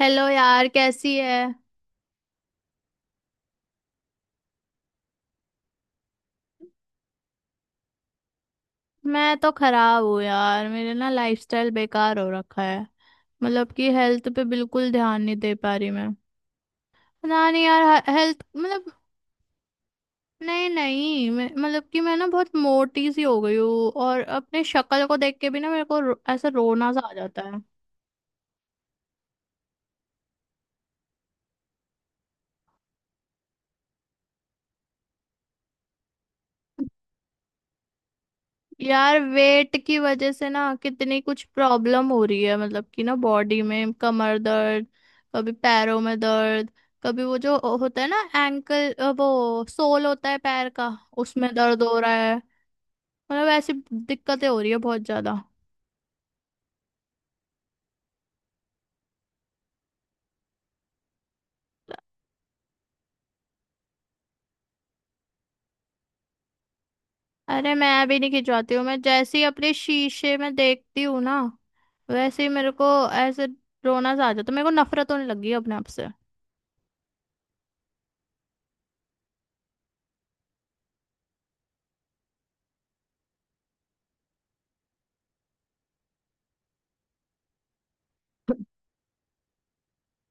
Hello यार, कैसी है। मैं तो खराब हूँ यार, मेरे ना लाइफस्टाइल बेकार हो रखा है। मतलब कि हेल्थ पे बिल्कुल ध्यान नहीं दे पा रही मैं। ना नहीं यार, हेल्थ मतलब नहीं नहीं मतलब कि मैं ना बहुत मोटी सी हो गई हूँ, और अपने शक्ल को देख के भी ना मेरे को ऐसा रोना सा आ जाता है। यार वेट की वजह से ना कितनी कुछ प्रॉब्लम हो रही है। मतलब कि ना बॉडी में कमर दर्द, कभी पैरों में दर्द, कभी वो जो होता है ना एंकल, वो सोल होता है पैर का, उसमें दर्द हो रहा है। मतलब ऐसी दिक्कतें हो रही है बहुत ज्यादा। अरे मैं भी नहीं खिंचवाती हूँ, मैं जैसे ही अपने शीशे में देखती हूँ ना, वैसे ही मेरे को ऐसे रोना सा आ जाता है। मेरे को नफरत होने लगी है अपने आप से।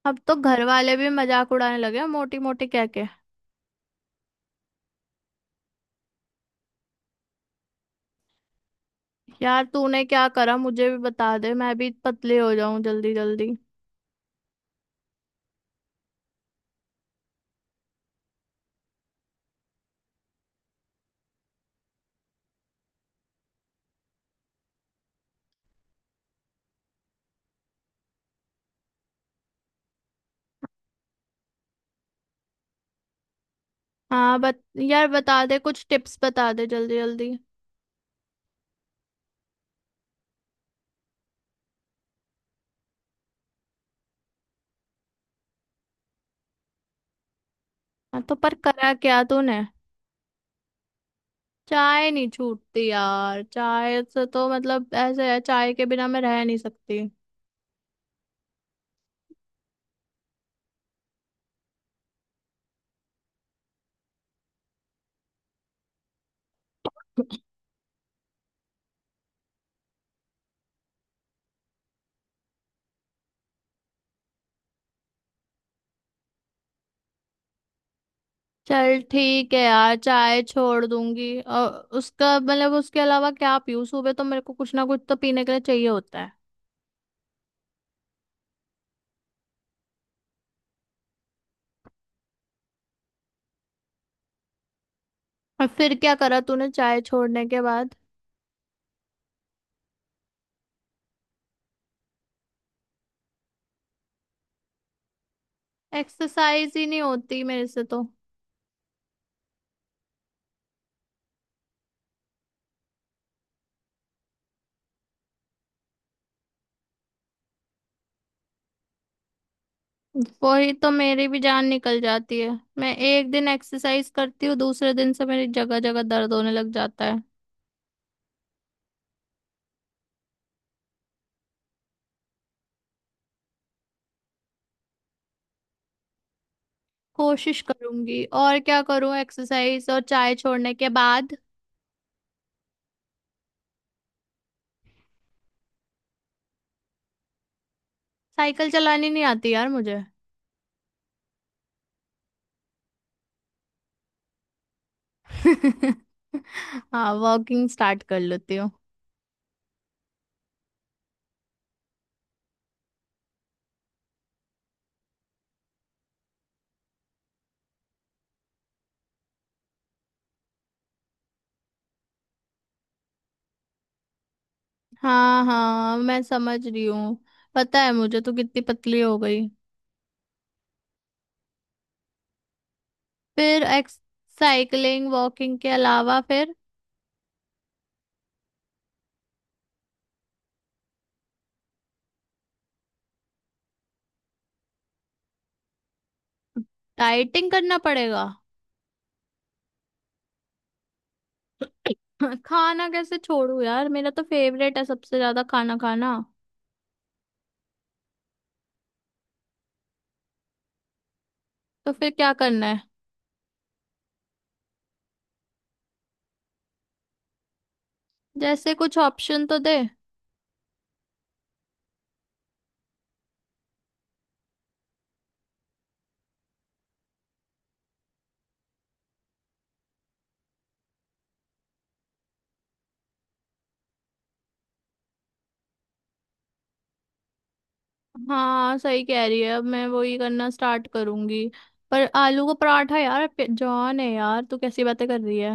अब तो घर वाले भी मजाक उड़ाने लगे हैं, मोटी मोटी कह के। यार तूने क्या करा, मुझे भी बता दे, मैं भी पतले हो जाऊं जल्दी जल्दी। हाँ बत यार, बता दे कुछ टिप्स, बता दे जल्दी जल्दी। हाँ तो पर करा क्या तूने। चाय नहीं छूटती यार, चाय से तो मतलब ऐसे है, चाय के बिना मैं रह नहीं सकती। चल ठीक है यार, चाय छोड़ दूंगी। और उसका मतलब उसके अलावा क्या पीऊँ, सुबह तो मेरे को कुछ ना कुछ तो पीने के लिए चाहिए होता है। और फिर क्या करा तूने चाय छोड़ने के बाद। एक्सरसाइज ही नहीं होती मेरे से तो। वही तो मेरी भी जान निकल जाती है। मैं एक दिन एक्सरसाइज करती हूँ, दूसरे दिन से मेरी जगह जगह दर्द होने लग जाता है। कोशिश करूंगी, और क्या करूँ एक्सरसाइज और चाय छोड़ने के बाद। साइकिल चलानी नहीं आती यार मुझे। हाँ, वॉकिंग स्टार्ट कर लेती हूँ। हाँ हाँ, मैं समझ रही हूँ। पता है मुझे तो कितनी पतली हो गई। फिर एक्स साइकिलिंग वॉकिंग के अलावा फिर। डाइटिंग करना पड़ेगा। हाँ, खाना कैसे छोड़ू यार, मेरा तो फेवरेट है सबसे ज्यादा खाना खाना। तो फिर क्या करना है, जैसे कुछ ऑप्शन तो दे। हाँ सही कह रही है, अब मैं वही करना स्टार्ट करूंगी। पर आलू का पराठा यार जॉन है यार, तू कैसी बातें कर रही है।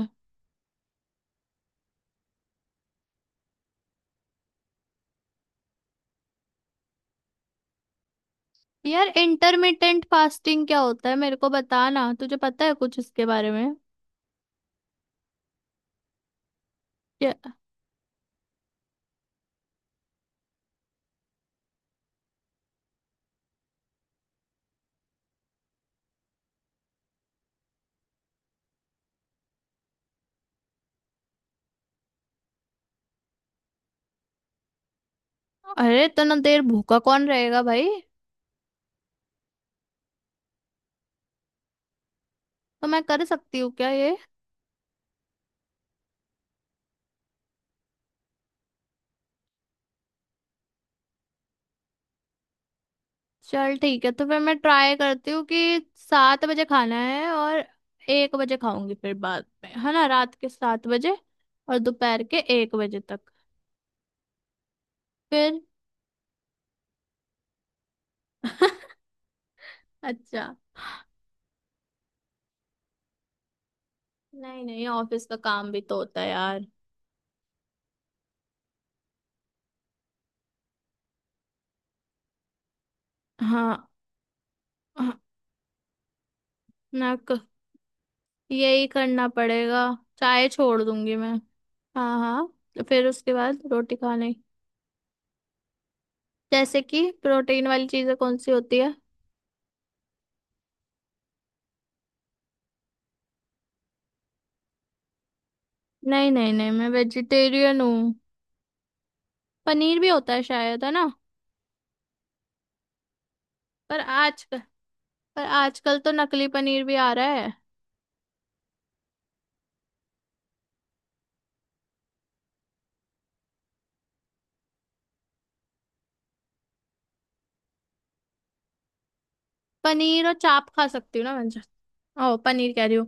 यार इंटरमिटेंट फास्टिंग क्या होता है, मेरे को बता ना, तुझे पता है कुछ इसके बारे में। क्या- अरे इतना देर भूखा कौन रहेगा भाई। तो मैं कर सकती हूँ क्या ये। चल ठीक है, तो फिर मैं ट्राई करती हूँ कि 7 बजे खाना है और 1 बजे खाऊंगी। फिर बाद में है ना, रात के 7 बजे और दोपहर के 1 बजे तक। फिर अच्छा, नहीं नहीं, ऑफिस का काम भी तो होता है यार। हाँ हाँ, ना क- यही करना पड़ेगा। चाय छोड़ दूंगी मैं। हाँ हाँ, तो फिर उसके बाद रोटी खाने। जैसे कि प्रोटीन वाली चीजें कौन सी होती है। नहीं नहीं नहीं, मैं वेजिटेरियन हूँ। पनीर भी होता है शायद, है ना। पर आज पर आजकल तो नकली पनीर भी आ रहा है। पनीर और चाप खा सकती हूँ ना मैं। ओ पनीर कह रही हूँ,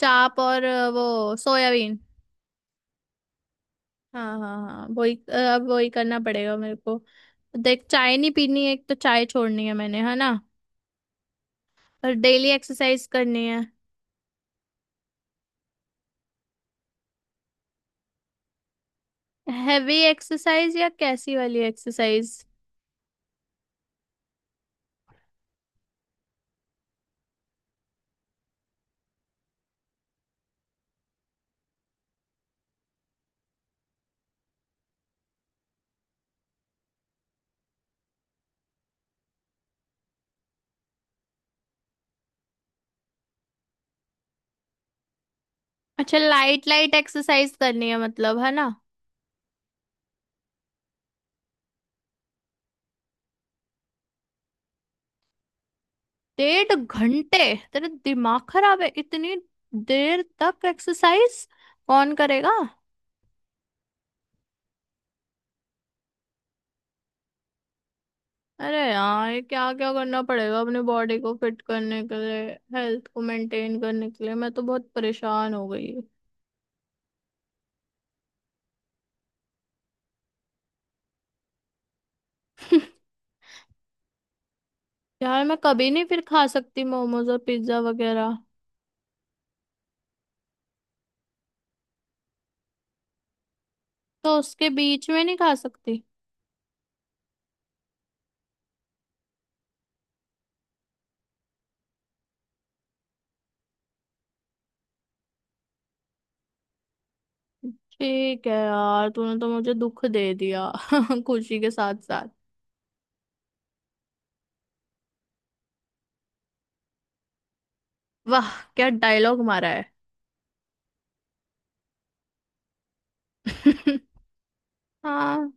चाप और वो सोयाबीन। हाँ हाँ हाँ, अब वही करना पड़ेगा मेरे को। देख, चाय नहीं पीनी है, एक तो चाय छोड़नी है मैंने, है ना। और डेली एक्सरसाइज करनी है। हैवी एक्सरसाइज या कैसी वाली एक्सरसाइज। अच्छा, लाइट लाइट एक्सरसाइज करनी है मतलब, है ना। डेढ़ घंटे? तेरा दिमाग खराब है, इतनी देर तक एक्सरसाइज कौन करेगा। अरे यार, ये क्या क्या करना पड़ेगा अपनी बॉडी को फिट करने के लिए, हेल्थ को मेंटेन करने के लिए। मैं तो बहुत परेशान हो गई। यार मैं कभी नहीं फिर खा सकती मोमोज और पिज्जा वगैरह। तो उसके बीच में नहीं खा सकती। ठीक है यार, तूने तो मुझे दुख दे दिया। खुशी के साथ साथ। वाह, क्या डायलॉग मारा है। हाँ।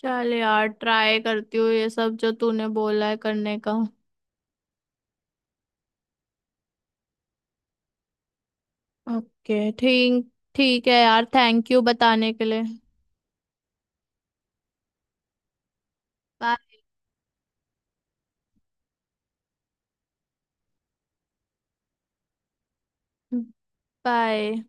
चल यार, ट्राई करती हूँ ये सब जो तूने बोला है करने का। ओके, ठीक ठीक है यार, थैंक यू बताने के लिए। Bye bye.